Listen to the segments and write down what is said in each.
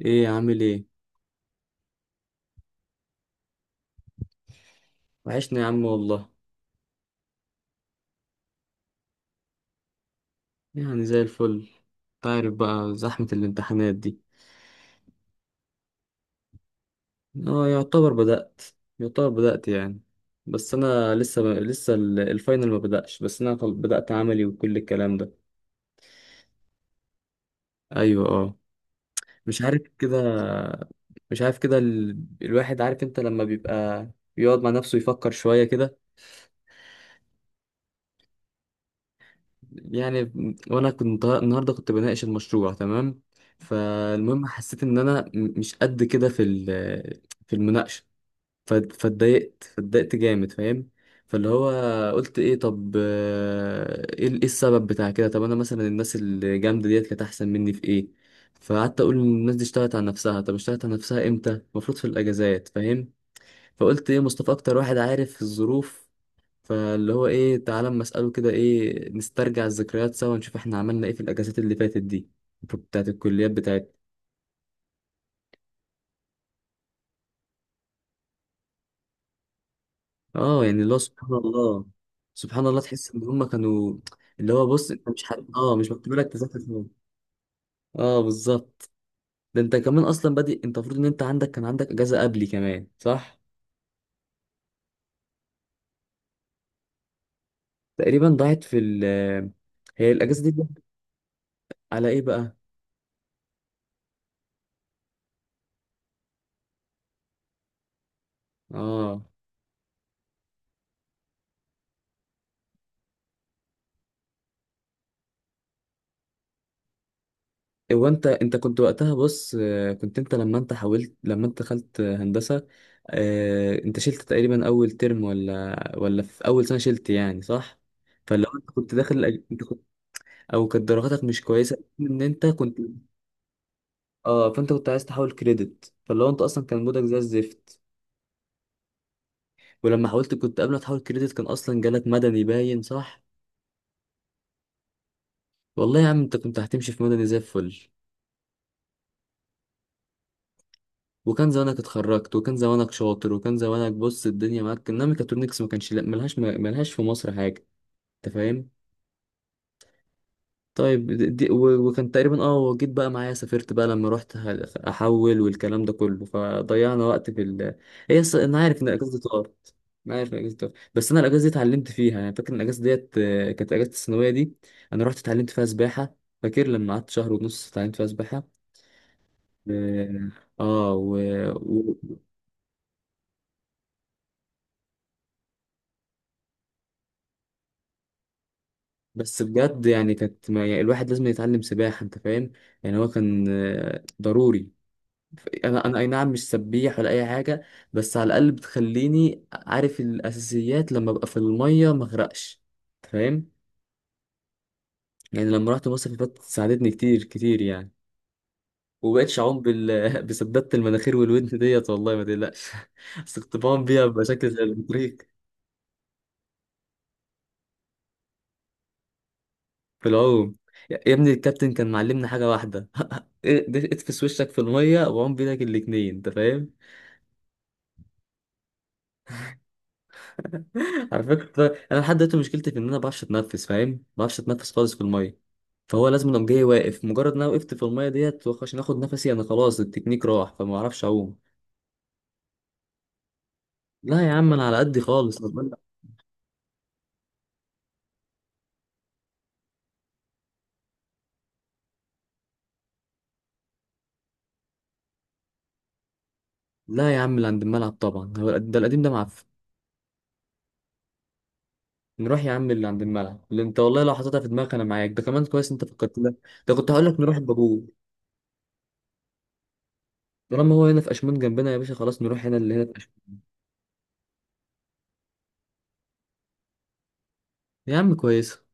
ايه عامل ايه؟ وحشنا يا عم والله. يعني زي الفل. تعرف بقى زحمة الامتحانات دي. اه، يعتبر بدأت. يعتبر بدأت يعني. بس انا الفاينل ما بدأش، بس انا بدأت عملي وكل الكلام ده. ايوه، اه. مش عارف كده، مش عارف كده. الواحد عارف، انت لما بيبقى بيقعد مع نفسه يفكر شوية كده. يعني، وانا كنت النهارده بناقش المشروع، تمام. فالمهم حسيت ان انا مش قد كده في في المناقشه، فاتضايقت، فاتضايقت جامد، فاهم. فاللي هو قلت ايه، طب ايه إيه السبب بتاع كده؟ طب انا مثلا الناس الجامده ديت كانت احسن مني في ايه؟ فقعدت اقول إن الناس دي اشتغلت على نفسها. طب اشتغلت على نفسها امتى؟ المفروض في الاجازات، فاهم. فقلت ايه، مصطفى اكتر واحد عارف الظروف. فاللي هو ايه، تعالى اما اساله كده، ايه، نسترجع الذكريات سوا ونشوف احنا عملنا ايه في الاجازات اللي فاتت دي، بتاعت الكليات بتاعتنا. اه يعني، اللي هو سبحان الله. سبحان الله، تحس ان هم كانوا، اللي هو بص، انت مش حد... اه مش مكتوب لك تذاكر فيهم. اه، بالظبط. ده انت كمان اصلا بادئ، انت المفروض ان انت عندك، كان عندك اجازه قبلي كمان، صح. تقريبا ضاعت في ال... هي الاجازه دي على ايه بقى؟ اه، هو انت كنت وقتها بص، كنت انت، لما انت دخلت هندسة. انت شلت تقريبا اول ترم، ولا في اول سنة شلت يعني، صح. فلو انت كنت انت كنت، او كانت درجاتك مش كويسة، ان انت كنت، اه، فانت كنت عايز تحول كريدت. فلو انت اصلا كان مودك زي الزفت، ولما حاولت، كنت قبل ما تحول كريدت كان اصلا جالك مدني باين، صح. والله يا عم انت كنت هتمشي في مدني زي الفل. وكان زمانك اتخرجت، وكان زمانك شاطر، وكان زمانك بص الدنيا معاك. انما ميكاترونكس ما كانش، لا، ملهاش في مصر حاجه، انت فاهم. طيب وكان تقريبا، وجيت بقى معايا سافرت بقى لما رحت احول والكلام ده كله، فضيعنا وقت في ال... هي انا عارف ان الاجازه دي طارت. انا عارف ان الاجازه دي طارت، بس انا الاجازه دي اتعلمت فيها يعني. فاكر ان الاجازه ديت، كانت اجازه الثانويه دي. انا رحت اتعلمت فيها سباحه. فاكر لما قعدت شهر ونص اتعلمت فيها سباحه. اه. آه، و... بس بجد يعني كانت، ما يعني الواحد لازم يتعلم سباحة، انت فاهم. يعني هو كان ضروري. انا اي نعم مش سبيح ولا اي حاجة، بس على الاقل بتخليني عارف الاساسيات لما ابقى في المية ما اغرقش، انت فاهم. يعني لما رحت مصر اللي فاتت ساعدتني كتير كتير يعني. ومبقتش اعوم بسدادة المناخير والودن ديت والله ما تقلقش. بس كنت بعوم بيها بشكل زي البطريق في العوم. يا ابني الكابتن كان معلمنا حاجة واحدة. ده، اتفس وشك في المية وعوم بيدك الاتنين، انت فاهم. على فكرة انا لحد دلوقتي مشكلتي في ان انا ما بعرفش اتنفس، فاهم، ما بعرفش اتنفس خالص في المية. فهو لازم لو جاي واقف، مجرد ان انا وقفت في المية ديت عشان اخد نفسي انا خلاص التكنيك راح، فما اعرفش اعوم. لا يا عم، انا على قدي خالص. لا يا عم، اللي عند الملعب طبعا هو ده، القديم ده معفن. نروح يا عم اللي عند الملعب، اللي انت والله لو حطيتها في دماغك انا معاك، ده كمان كويس انت فكرت ده. ده كنت هقول لك نروح البابو. طالما هو هنا في أشمون جنبنا يا باشا، خلاص نروح هنا اللي هنا في أشمون. يا عم كويسة.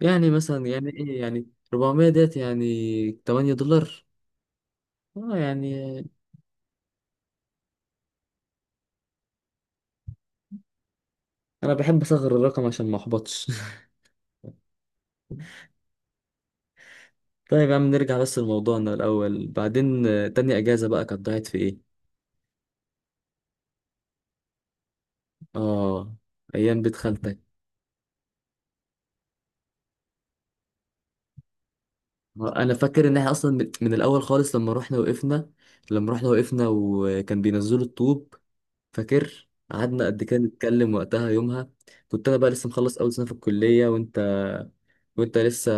يعني مثلا، يعني إيه يعني، 400 ديت يعني 8 دولار. اه يعني، أنا بحب أصغر الرقم عشان ما أحبطش. طيب يا عم نرجع بس لموضوعنا الأول بعدين. تاني أجازة بقى كانت ضاعت في إيه؟ آه، أيام بيت خالتك. أنا فاكر إن إحنا أصلا من الأول خالص لما رحنا وقفنا، لما رحنا وقفنا وكان بينزلوا الطوب. فاكر قعدنا قد كده نتكلم وقتها يومها. كنت انا بقى لسه مخلص اول سنه في الكليه، وانت لسه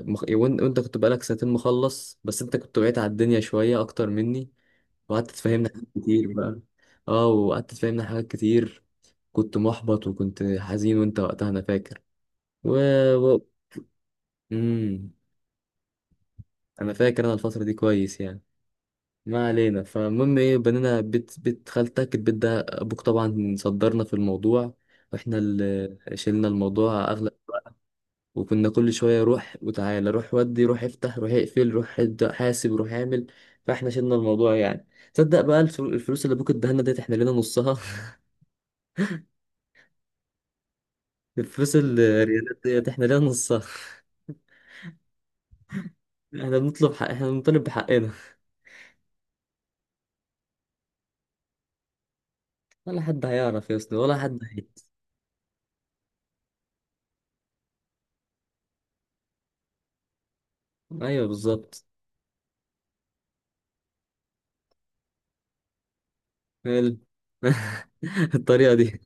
وانت كنت بقالك سنتين مخلص، بس انت كنت بعيد على الدنيا شوية اكتر مني وقعدت تفهمنا حاجات كتير بقى. اه، وقعدت تفهمنا حاجات كتير. كنت محبط وكنت حزين وانت وقتها انا فاكر، و... و... مم. انا فاكر انا الفترة دي كويس يعني. ما علينا، فالمهم ايه، بنينا بيت، بيت خالتك، البيت ده ابوك طبعا صدرنا في الموضوع، واحنا اللي شلنا الموضوع. وكنا كل شوية روح وتعالى، روح ودي، روح افتح، روح اقفل، روح ابدأ، حاسب، روح اعمل. فاحنا شلنا الموضوع يعني. تصدق بقى الفلوس اللي ابوك اداها لنا ديت احنا لينا نصها. الفلوس الريالات ديت احنا لينا نصها. احنا بنطلب حق، احنا بنطالب بحقنا. ولا حد هيعرف يا اسطى ولا حد هيت. ايوه، بالظبط. ال-. الطريقة دي.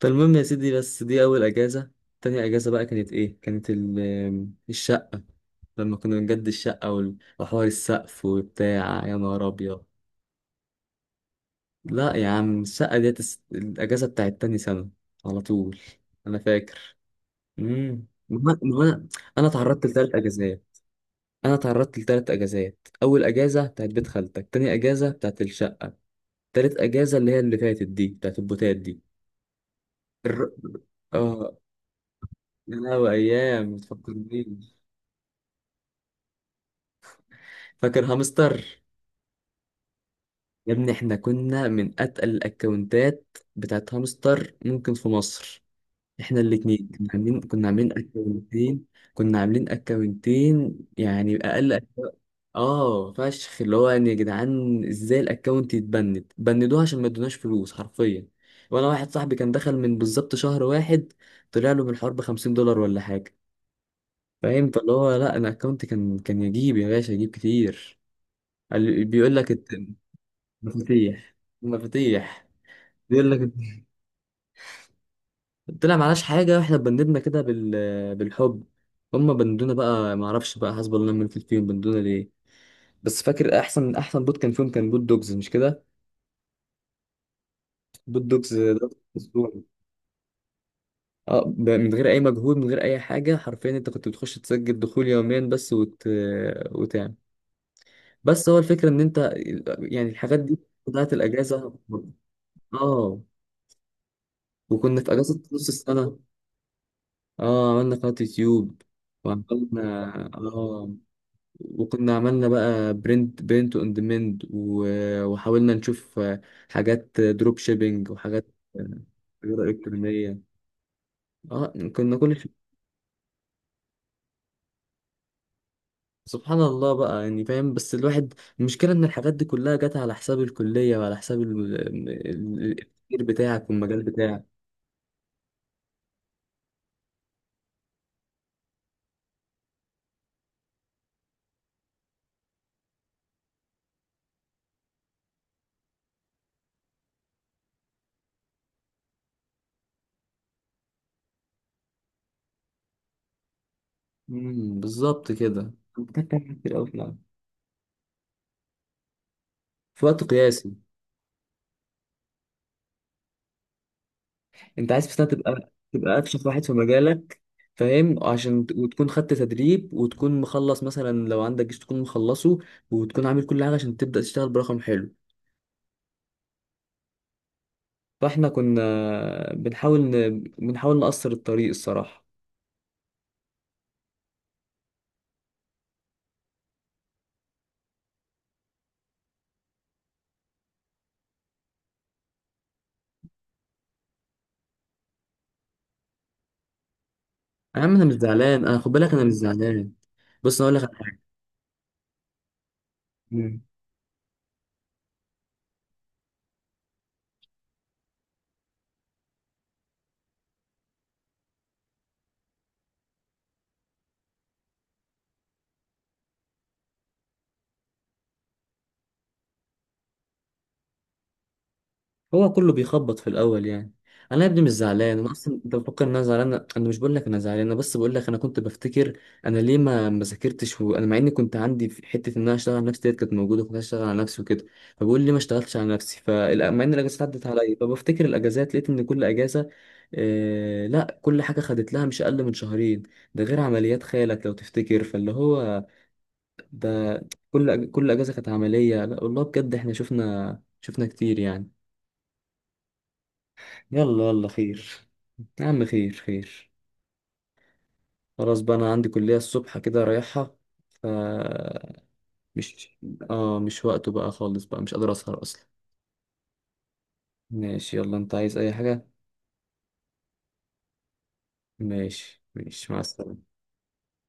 فالمهم يا سيدي، بس دي أول أجازة. تاني أجازة بقى كانت إيه؟ كانت الشقة. لما كنا بنجدد الشقة وحوار السقف وبتاع، يا نهار أبيض. لا يا عم الشقة ديت الأجازة بتاعت تاني سنة، على طول، أنا فاكر. ما هو أنا، أنا اتعرضت لتلات أجازات. أنا اتعرضت لتلات أجازات، أول أجازة بتاعت بيت خالتك، تاني أجازة بتاعت الشقة، تالت أجازة اللي هي اللي فاتت دي بتاعت البوتات دي. الر... آه، يا لهوي أيام، ما تفكرنيش. فاكر هامستر؟ يا ابني احنا كنا من أتقل الأكونتات بتاعت هامستر ممكن في مصر. احنا الاتنين كنا عاملين اكونتين. كنا عاملين اكونتين يعني اقل. اه فشخ اللي هو يعني، يا جدعان، ازاي الاكونت يتبند؟ بندوه عشان ما ادوناش فلوس حرفيا. وانا واحد صاحبي كان دخل من بالظبط شهر واحد، طلع له من الحوار ب 50 دولار ولا حاجه، فاهم. فاللي هو لا، انا اكونت كان يجيب يا باشا، يجيب كتير. بيقول لك مفاتيح، مفاتيح. بيقول لك طلع معناش حاجة، احنا بندنا كده بال... بالحب. هما بندونا بقى، معرفش بقى حسب الله من فيهم بندونا ليه. بس فاكر احسن بوت كان فيهم كان بوت دوجز، مش كده. بوت دوجز ده اسطوري. اه، من غير اي مجهود، من غير اي حاجة حرفيا، انت كنت بتخش تسجل دخول يوميا بس وتعمل. بس هو الفكرة ان انت يعني الحاجات دي بتاعت الاجازة. اه، وكنا في اجازة نص السنة. اه، عملنا قناة يوتيوب، وعملنا، اه، وكنا عملنا بقى برنت اون ديماند، وحاولنا نشوف حاجات دروب شيبينج وحاجات تجارة إلكترونية. اه، كنا كل شيء. سبحان الله بقى يعني فاهم، بس الواحد، المشكلة إن الحاجات دي كلها جت على حساب الكلية وعلى حساب التفكير بتاعك والمجال بتاعك. بالظبط كده. محتاج تعمل كتير أوي في العالم. في وقت قياسي. انت عايز في سنه تبقى افشخ واحد في مجالك، فاهم، عشان وتكون خدت تدريب وتكون مخلص مثلا لو عندك جيش تكون مخلصه وتكون عامل كل حاجه عشان تبدا تشتغل برقم حلو. فاحنا كنا بنحاول نقصر الطريق الصراحه. يا عم انا مش زعلان، انا خد بالك، انا مش زعلان. بص انا اقول لك على حاجه، هو كله بيخبط في الاول يعني. انا يا ابني مش زعلان، انا اصلا انت بتفكر ان انا زعلان، انا مش بقول لك انا زعلان، انا بس بقول لك انا كنت بفتكر انا ليه ما ذاكرتش. وانا مع اني كنت عندي في حته ان انا اشتغل على نفسي ديت كانت موجوده، كنت اشتغل على نفسي وكده، فبقول ليه ما اشتغلتش على نفسي. فمع ان الاجازات عدت عليا، فبفتكر الاجازات لقيت ان كل اجازه، آه لا، كل حاجه خدت لها مش اقل من شهرين، ده غير عمليات خالك لو تفتكر. فاللي هو ده، كل اجازه كانت عمليه. لا والله بجد احنا شفنا، كتير يعني. يلا، يلا، خير. يا عم خير، خير. خلاص بقى انا عندي كلية الصبح كده رايحها. ف... مش... اه، مش وقته بقى خالص، بقى مش قادر اسهر اصلا. ماشي، يلا، انت عايز اي حاجة. ماشي، ماشي، مع السلامة.